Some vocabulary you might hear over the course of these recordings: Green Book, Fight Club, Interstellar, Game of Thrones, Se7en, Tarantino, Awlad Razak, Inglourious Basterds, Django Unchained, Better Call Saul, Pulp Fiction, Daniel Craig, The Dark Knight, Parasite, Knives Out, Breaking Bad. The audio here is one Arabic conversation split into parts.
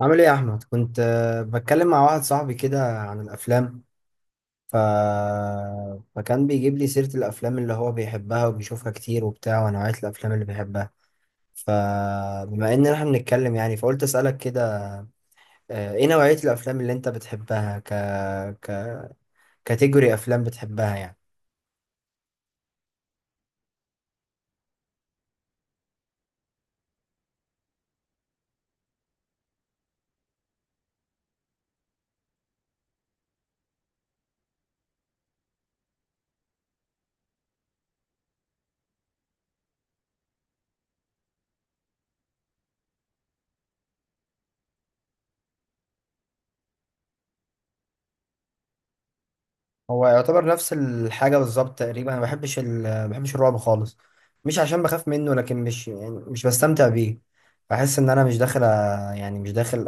عامل ايه يا احمد؟ كنت بتكلم مع واحد صاحبي كده عن الافلام ف... فكان بيجيب لي سيرة الافلام اللي هو بيحبها وبيشوفها كتير وبتاع، ونوعية الافلام اللي بيحبها. فبما ان احنا بنتكلم يعني، فقلت اسالك كده. ايه نوعية الافلام اللي انت بتحبها؟ ك ك كاتيجوري افلام بتحبها يعني؟ هو يعتبر نفس الحاجة بالظبط تقريبا. أنا ما بحبش الرعب خالص. مش عشان بخاف منه، لكن مش يعني مش بستمتع بيه. بحس إن أنا مش داخل يعني مش داخل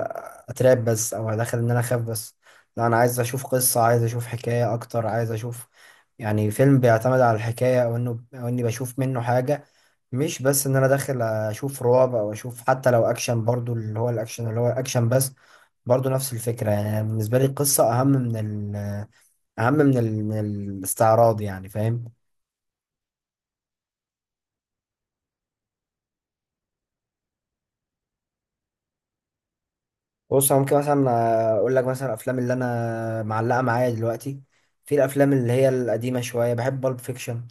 أتراب بس، أو داخل إن أنا أخاف بس. لا، أنا عايز أشوف قصة، عايز أشوف حكاية أكتر، عايز أشوف يعني فيلم بيعتمد على الحكاية، أو إني بشوف منه حاجة. مش بس إن أنا داخل أشوف رعب أو أشوف، حتى لو أكشن برضو اللي هو الأكشن اللي هو أكشن بس برضو نفس الفكرة. يعني بالنسبة لي القصة أهم من ال اهم من من الاستعراض، يعني فاهم؟ بص، انا ممكن مثلا اقول لك مثلا الافلام اللي انا معلقه معايا دلوقتي. في الافلام اللي هي القديمه شويه، بحب بالب فيكشن،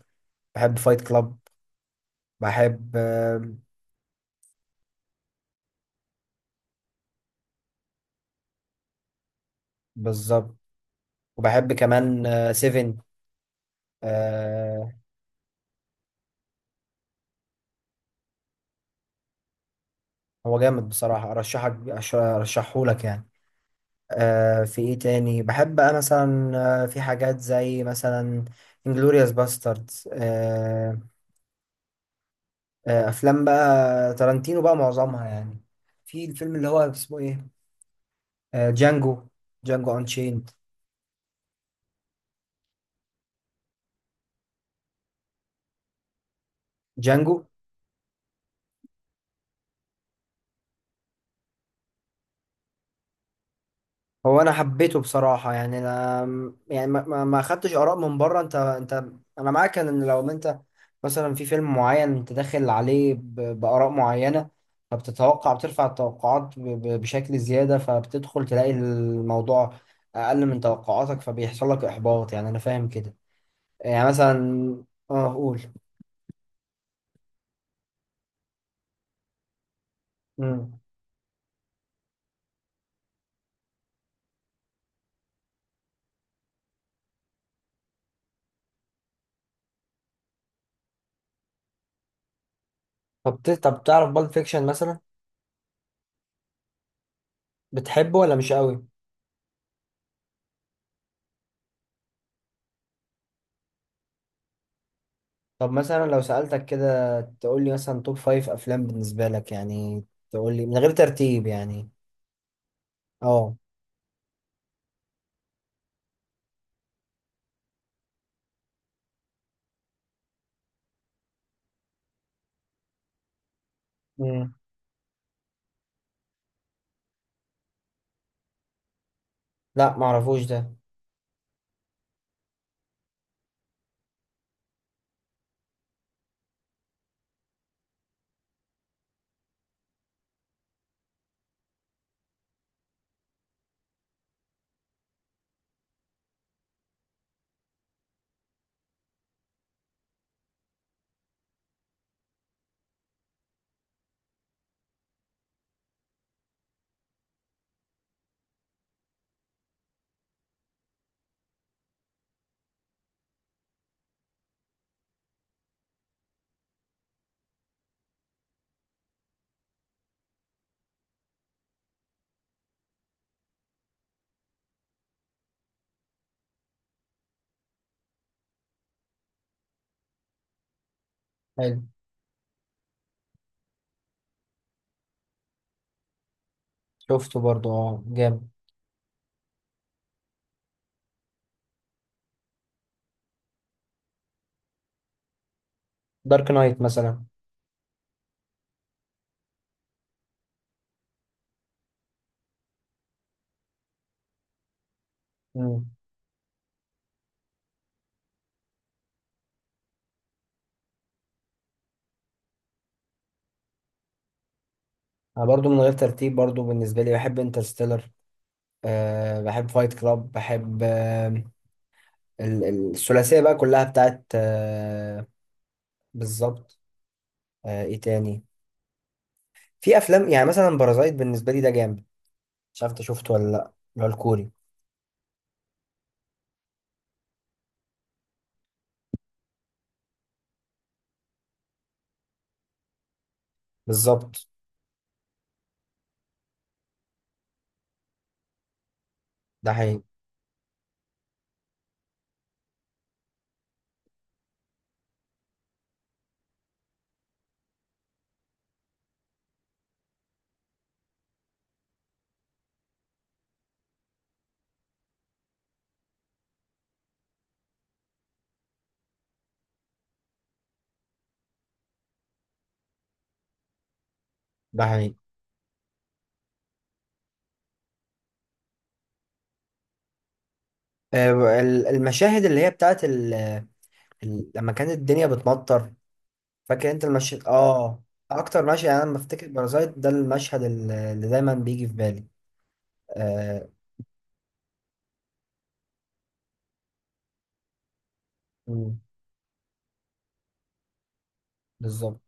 بحب فايت كلاب، بحب بالظبط. وبحب كمان سيفن. آه، هو جامد بصراحه. ارشحه لك يعني. في ايه تاني بحب بقى مثلا؟ في حاجات زي مثلا انجلوريوس باستردز. افلام بقى تارانتينو بقى معظمها يعني. في الفيلم اللي هو اسمه ايه جانجو جانجو انشيند. جانجو. هو انا حبيته بصراحة يعني. انا يعني ما خدتش اراء من بره. انت انا معاك ان لو انت مثلا في فيلم معين انت داخل عليه باراء معينة، فبتتوقع، بترفع التوقعات بشكل زيادة، فبتدخل تلاقي الموضوع اقل من توقعاتك، فبيحصل لك احباط يعني. انا فاهم كده يعني مثلا. اه، قول. طب طب تعرف بالب فيكشن مثلا؟ بتحبه ولا مش قوي؟ طب مثلا لو سألتك كده تقول لي مثلا توب فايف افلام بالنسبة لك يعني، تقول لي من غير ترتيب يعني. اه. امم لا معرفوش ده. حلو. شفته برضو، اه، جامد. دارك نايت مثلا. امم انا برضو من غير ترتيب، برضو بالنسبة لي بحب انترستيلر. بحب فايت كلاب، بحب الثلاثية بقى كلها بتاعت بالظبط. ايه تاني؟ في افلام يعني مثلا بارازايت، بالنسبة لي ده جامد. مش عارف انت شفته ولا لا، اللي هو الكوري. بالظبط، ده حقيقي. ده حقيقي. المشاهد اللي هي بتاعت لما كانت الدنيا بتمطر. فاكر انت المشهد، اه؟ اكتر مشهد يعني، انا لما افتكر بارازايت ده المشهد اللي دايما بيجي في بالي. آه... مم، بالظبط.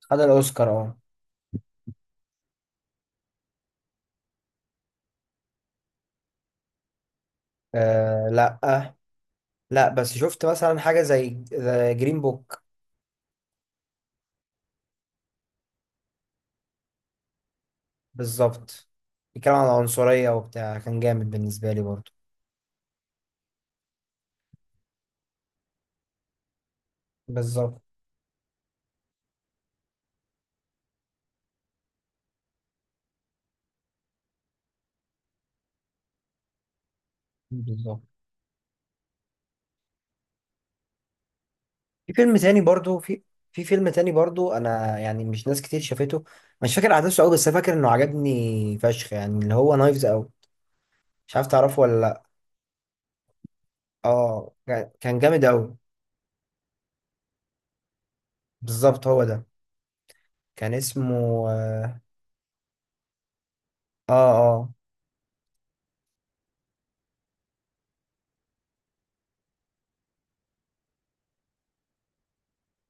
خد الاوسكار، اه. لا. لا، بس شفت مثلا حاجه زي جرين بوك. بالظبط. بيتكلم عن العنصريه وبتاع، كان جامد بالنسبه لي برضه. بالظبط. بالظبط. في فيلم تاني برضو، انا يعني مش ناس كتير شافته. مش فاكر احداثه قوي، بس أنا فاكر انه عجبني فشخ يعني، اللي هو نايفز اوت. مش عارف تعرفه ولا لا. اه، كان جامد قوي. بالظبط، هو ده. كان اسمه اه اه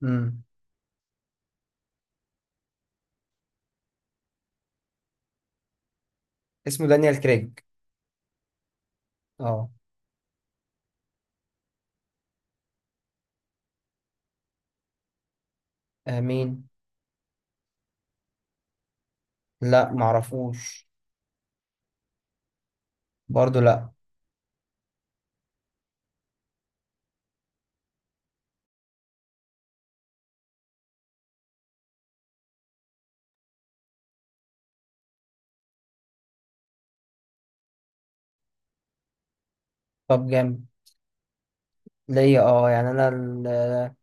امم اسمه دانيال كريج. اه. مين؟ لا معرفوش. برضو لا. طب جامد ليا، اه. يعني انا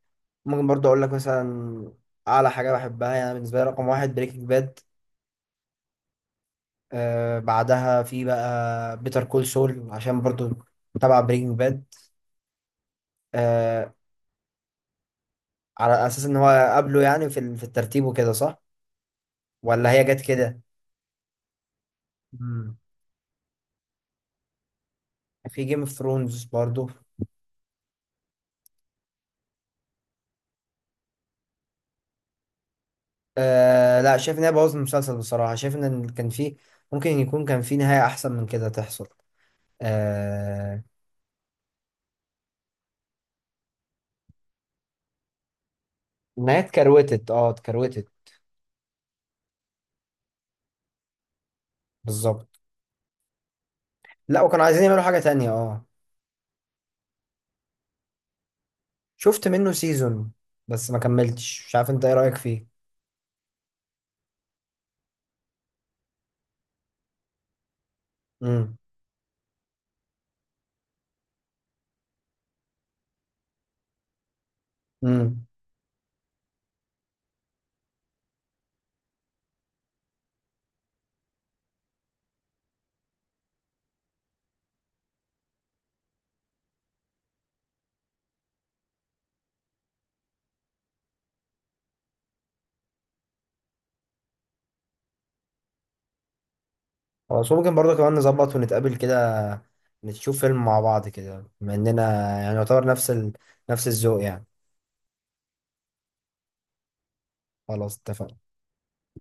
ممكن برضو اقول لك مثلا. اعلى حاجه بحبها يعني، بالنسبه لي رقم واحد بريكنج باد. بعدها في بقى بيتر كول سول، عشان برضو تبع برينج باد. آه على اساس ان هو قبله يعني في في الترتيب وكده، صح؟ ولا هي جت كده؟ مم. في جيم اوف ثرونز برضو. لا، شايف ان هي بوظت المسلسل بصراحة. شايف ان كان في، ممكن يكون كان في نهاية احسن من كده تحصل. آه النهاية اتكروتت، بالظبط. لا، وكانوا عايزين يعملوا حاجة تانية، اه. شفت منه سيزون بس ما كملتش. مش عارف انت ايه رأيك فيه. امم خلاص، ممكن برضه كمان نظبط ونتقابل كده، نشوف فيلم مع بعض كده، بما اننا يعني يعتبر نفس نفس الذوق يعني. خلاص اتفقنا.